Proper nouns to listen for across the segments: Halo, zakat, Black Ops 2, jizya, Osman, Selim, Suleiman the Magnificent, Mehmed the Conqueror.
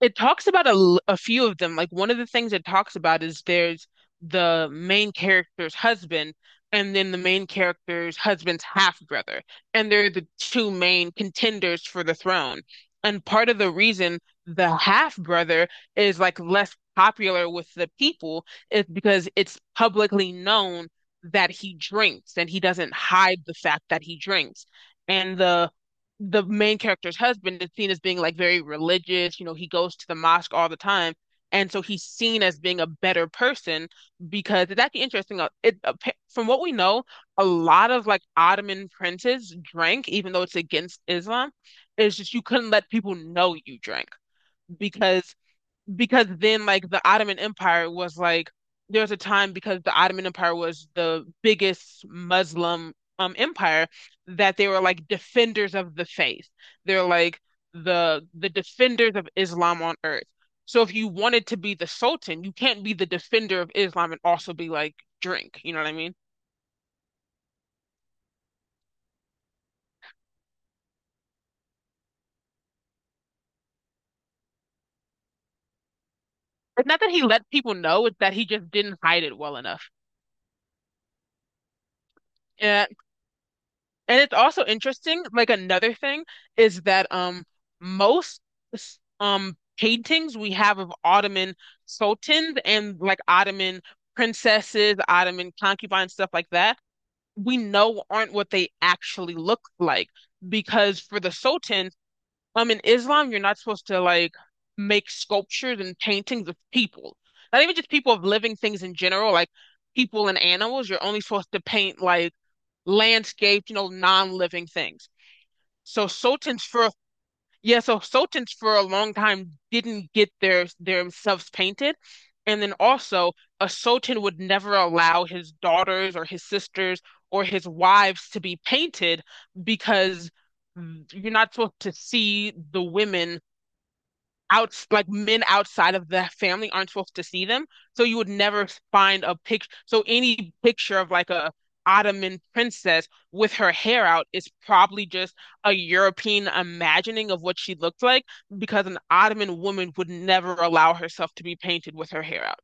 It talks about a few of them. Like one of the things it talks about is there's the main character's husband and then the main character's husband's half brother. And they're the two main contenders for the throne. And part of the reason the half brother is like less popular with the people is because it's publicly known that he drinks and he doesn't hide the fact that he drinks. And the main character's husband is seen as being like very religious. You know, he goes to the mosque all the time. And so he's seen as being a better person because it's actually interesting. From what we know, a lot of like Ottoman princes drank, even though it's against Islam. It's just you couldn't let people know you drank because then like the Ottoman Empire was like there was a time because the Ottoman Empire was the biggest Muslim empire that they were like defenders of the faith. They're like the defenders of Islam on earth. So if you wanted to be the Sultan, you can't be the defender of Islam and also be like drink. You know what I mean? It's not that he let people know, it's that he just didn't hide it well enough. Uh, And it's also interesting, like another thing is that most paintings we have of Ottoman sultans and like Ottoman princesses, Ottoman concubines, stuff like that, we know aren't what they actually look like. Because for the sultans, in Islam you're not supposed to like make sculptures and paintings of people. Not even just people of living things in general, like people and animals. You're only supposed to paint like landscapes, non-living things. So Sultan's for yeah, so Sultans for a long time didn't get their themselves painted. And then also a Sultan would never allow his daughters or his sisters or his wives to be painted because you're not supposed to see the women out like men outside of the family aren't supposed to see them. So you would never find a picture. So any picture of like a Ottoman princess with her hair out is probably just a European imagining of what she looked like because an Ottoman woman would never allow herself to be painted with her hair out.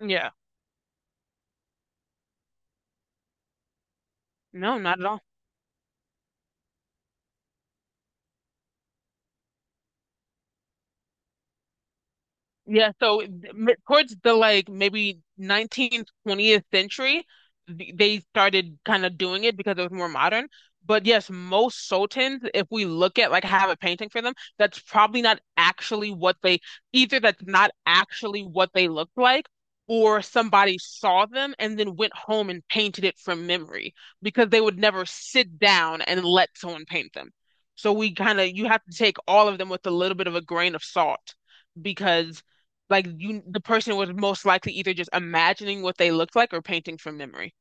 Yeah. No, not at all. Yeah, so towards the like maybe 19th, 20th century, they started kind of doing it because it was more modern. But yes, most sultans, if we look at like I have a painting for them, that's probably not actually what they either that's not actually what they looked like, or somebody saw them and then went home and painted it from memory because they would never sit down and let someone paint them. So we kind of you have to take all of them with a little bit of a grain of salt because like you, the person was most likely either just imagining what they looked like or painting from memory.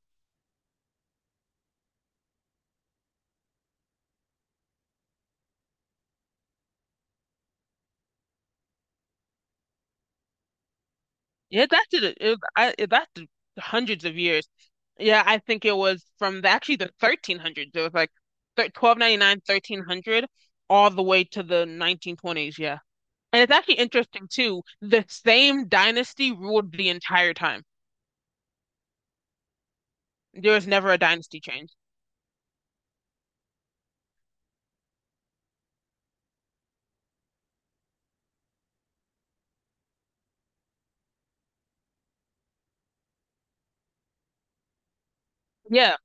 Yeah, that did it. It lasted hundreds of years. Yeah, I think it was from actually the 1300s. It was like thir 1299, 1300, all the way to the 1920s. Yeah. And it's actually interesting too. The same dynasty ruled the entire time. There was never a dynasty change. Yeah.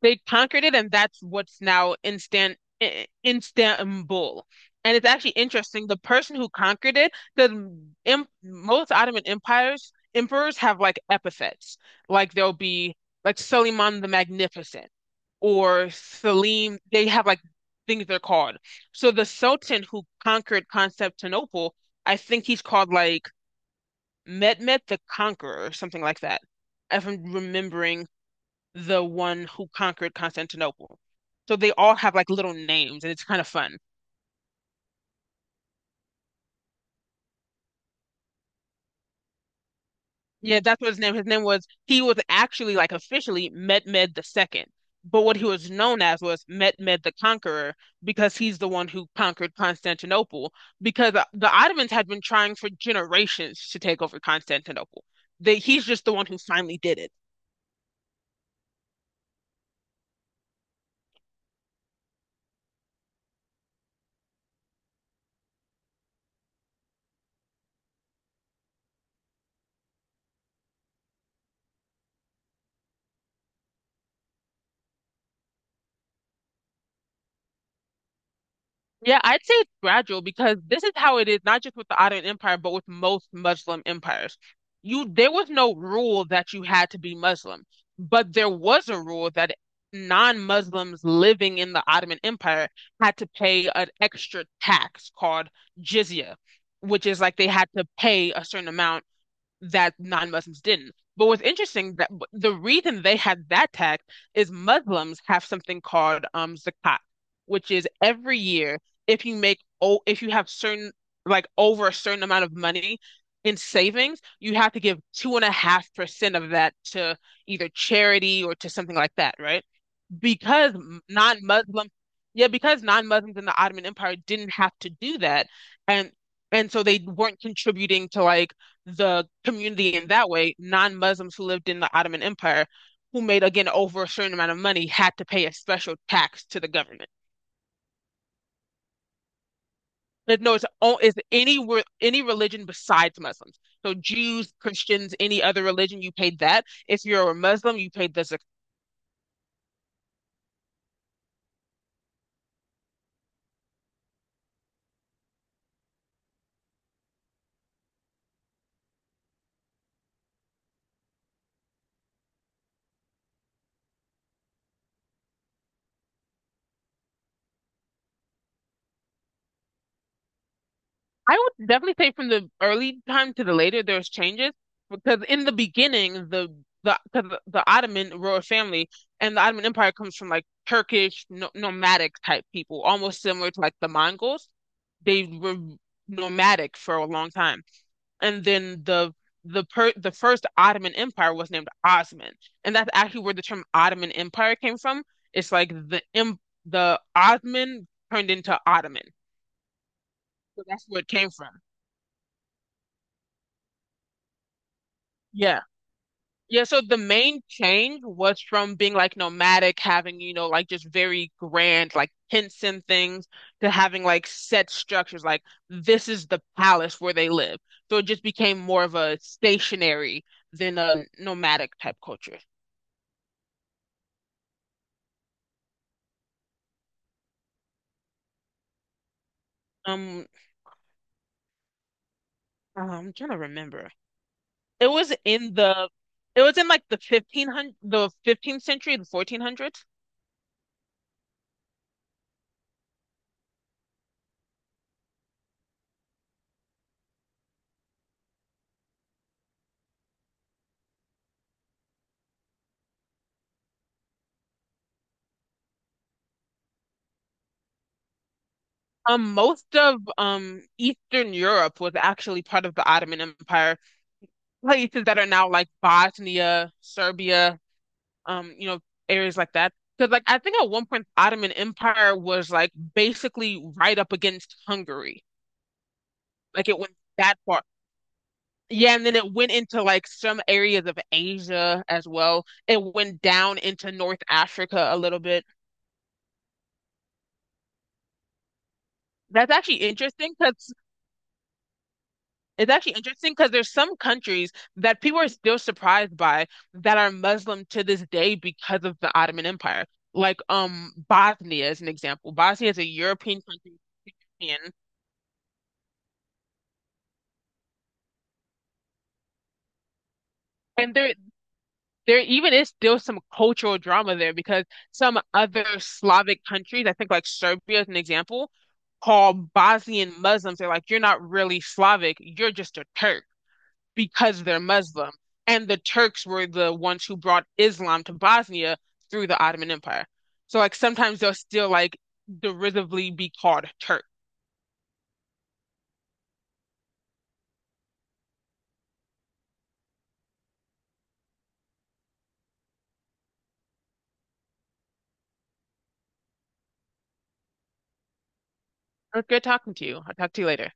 They conquered it, and that's what's now instant Istanbul. And it's actually interesting. The person who conquered it, the im most Ottoman empires emperors have like epithets. Like there'll be like Suleiman the Magnificent or Selim. They have like things they're called. So the Sultan who conquered Constantinople, I think he's called like Mehmet the Conqueror or something like that, if I'm remembering the one who conquered Constantinople. So they all have like little names, and it's kind of fun. Yeah, that's what his name. His name was He was actually like officially Mehmed II, but what he was known as was Mehmed the Conqueror because he's the one who conquered Constantinople. Because the Ottomans had been trying for generations to take over Constantinople. He's just the one who finally did it. Yeah, I'd say it's gradual because this is how it is, not just with the Ottoman Empire, but with most Muslim empires. You There was no rule that you had to be Muslim, but there was a rule that non-Muslims living in the Ottoman Empire had to pay an extra tax called jizya, which is like they had to pay a certain amount that non-Muslims didn't. But what's interesting that the reason they had that tax is Muslims have something called zakat, which is every year if you have certain like over a certain amount of money in savings, you have to give 2.5% of that to either charity or to something like that, right? because non-Muslim, yeah, because non-Muslims in the Ottoman Empire didn't have to do that, and so they weren't contributing to like the community in that way. Non-Muslims who lived in the Ottoman Empire, who made again over a certain amount of money, had to pay a special tax to the government. But no, it's any religion besides Muslims. So Jews, Christians, any other religion, you paid that. If you're a Muslim, you paid the zakat. I would definitely say from the early time to the later, there's changes because in the beginning, the Ottoman royal family and the Ottoman Empire comes from like Turkish no, nomadic type people, almost similar to like the Mongols. They were nomadic for a long time, and then the first Ottoman Empire was named Osman, and that's actually where the term Ottoman Empire came from. It's like the Ottoman turned into Ottoman, so that's where it came from. Yeah. Yeah, so the main change was from being like nomadic, having, like just very grand, like hints and things, to having like set structures, like this is the palace where they live. So it just became more of a stationary than a nomadic type culture. Um, I'm trying to remember. It was in the, it was in like the 1500, the 15th century, the 1400s. Most of Eastern Europe was actually part of the Ottoman Empire. Places that are now like Bosnia, Serbia, um, you know, areas like that. Because like I think at one point the Ottoman Empire was like basically right up against Hungary. Like it went that far. Yeah, and then it went into like some areas of Asia as well. It went down into North Africa a little bit. That's actually interesting because It's actually interesting because there's some countries that people are still surprised by that are Muslim to this day because of the Ottoman Empire. Like Bosnia is an example. Bosnia is a European country, European, and there even is still some cultural drama there because some other Slavic countries, I think like Serbia is an example, call Bosnian Muslims, they're like, you're not really Slavic, you're just a Turk. Because they're Muslim. And the Turks were the ones who brought Islam to Bosnia through the Ottoman Empire. So like sometimes they'll still like derisively be called Turk. It was good talking to you. I'll talk to you later.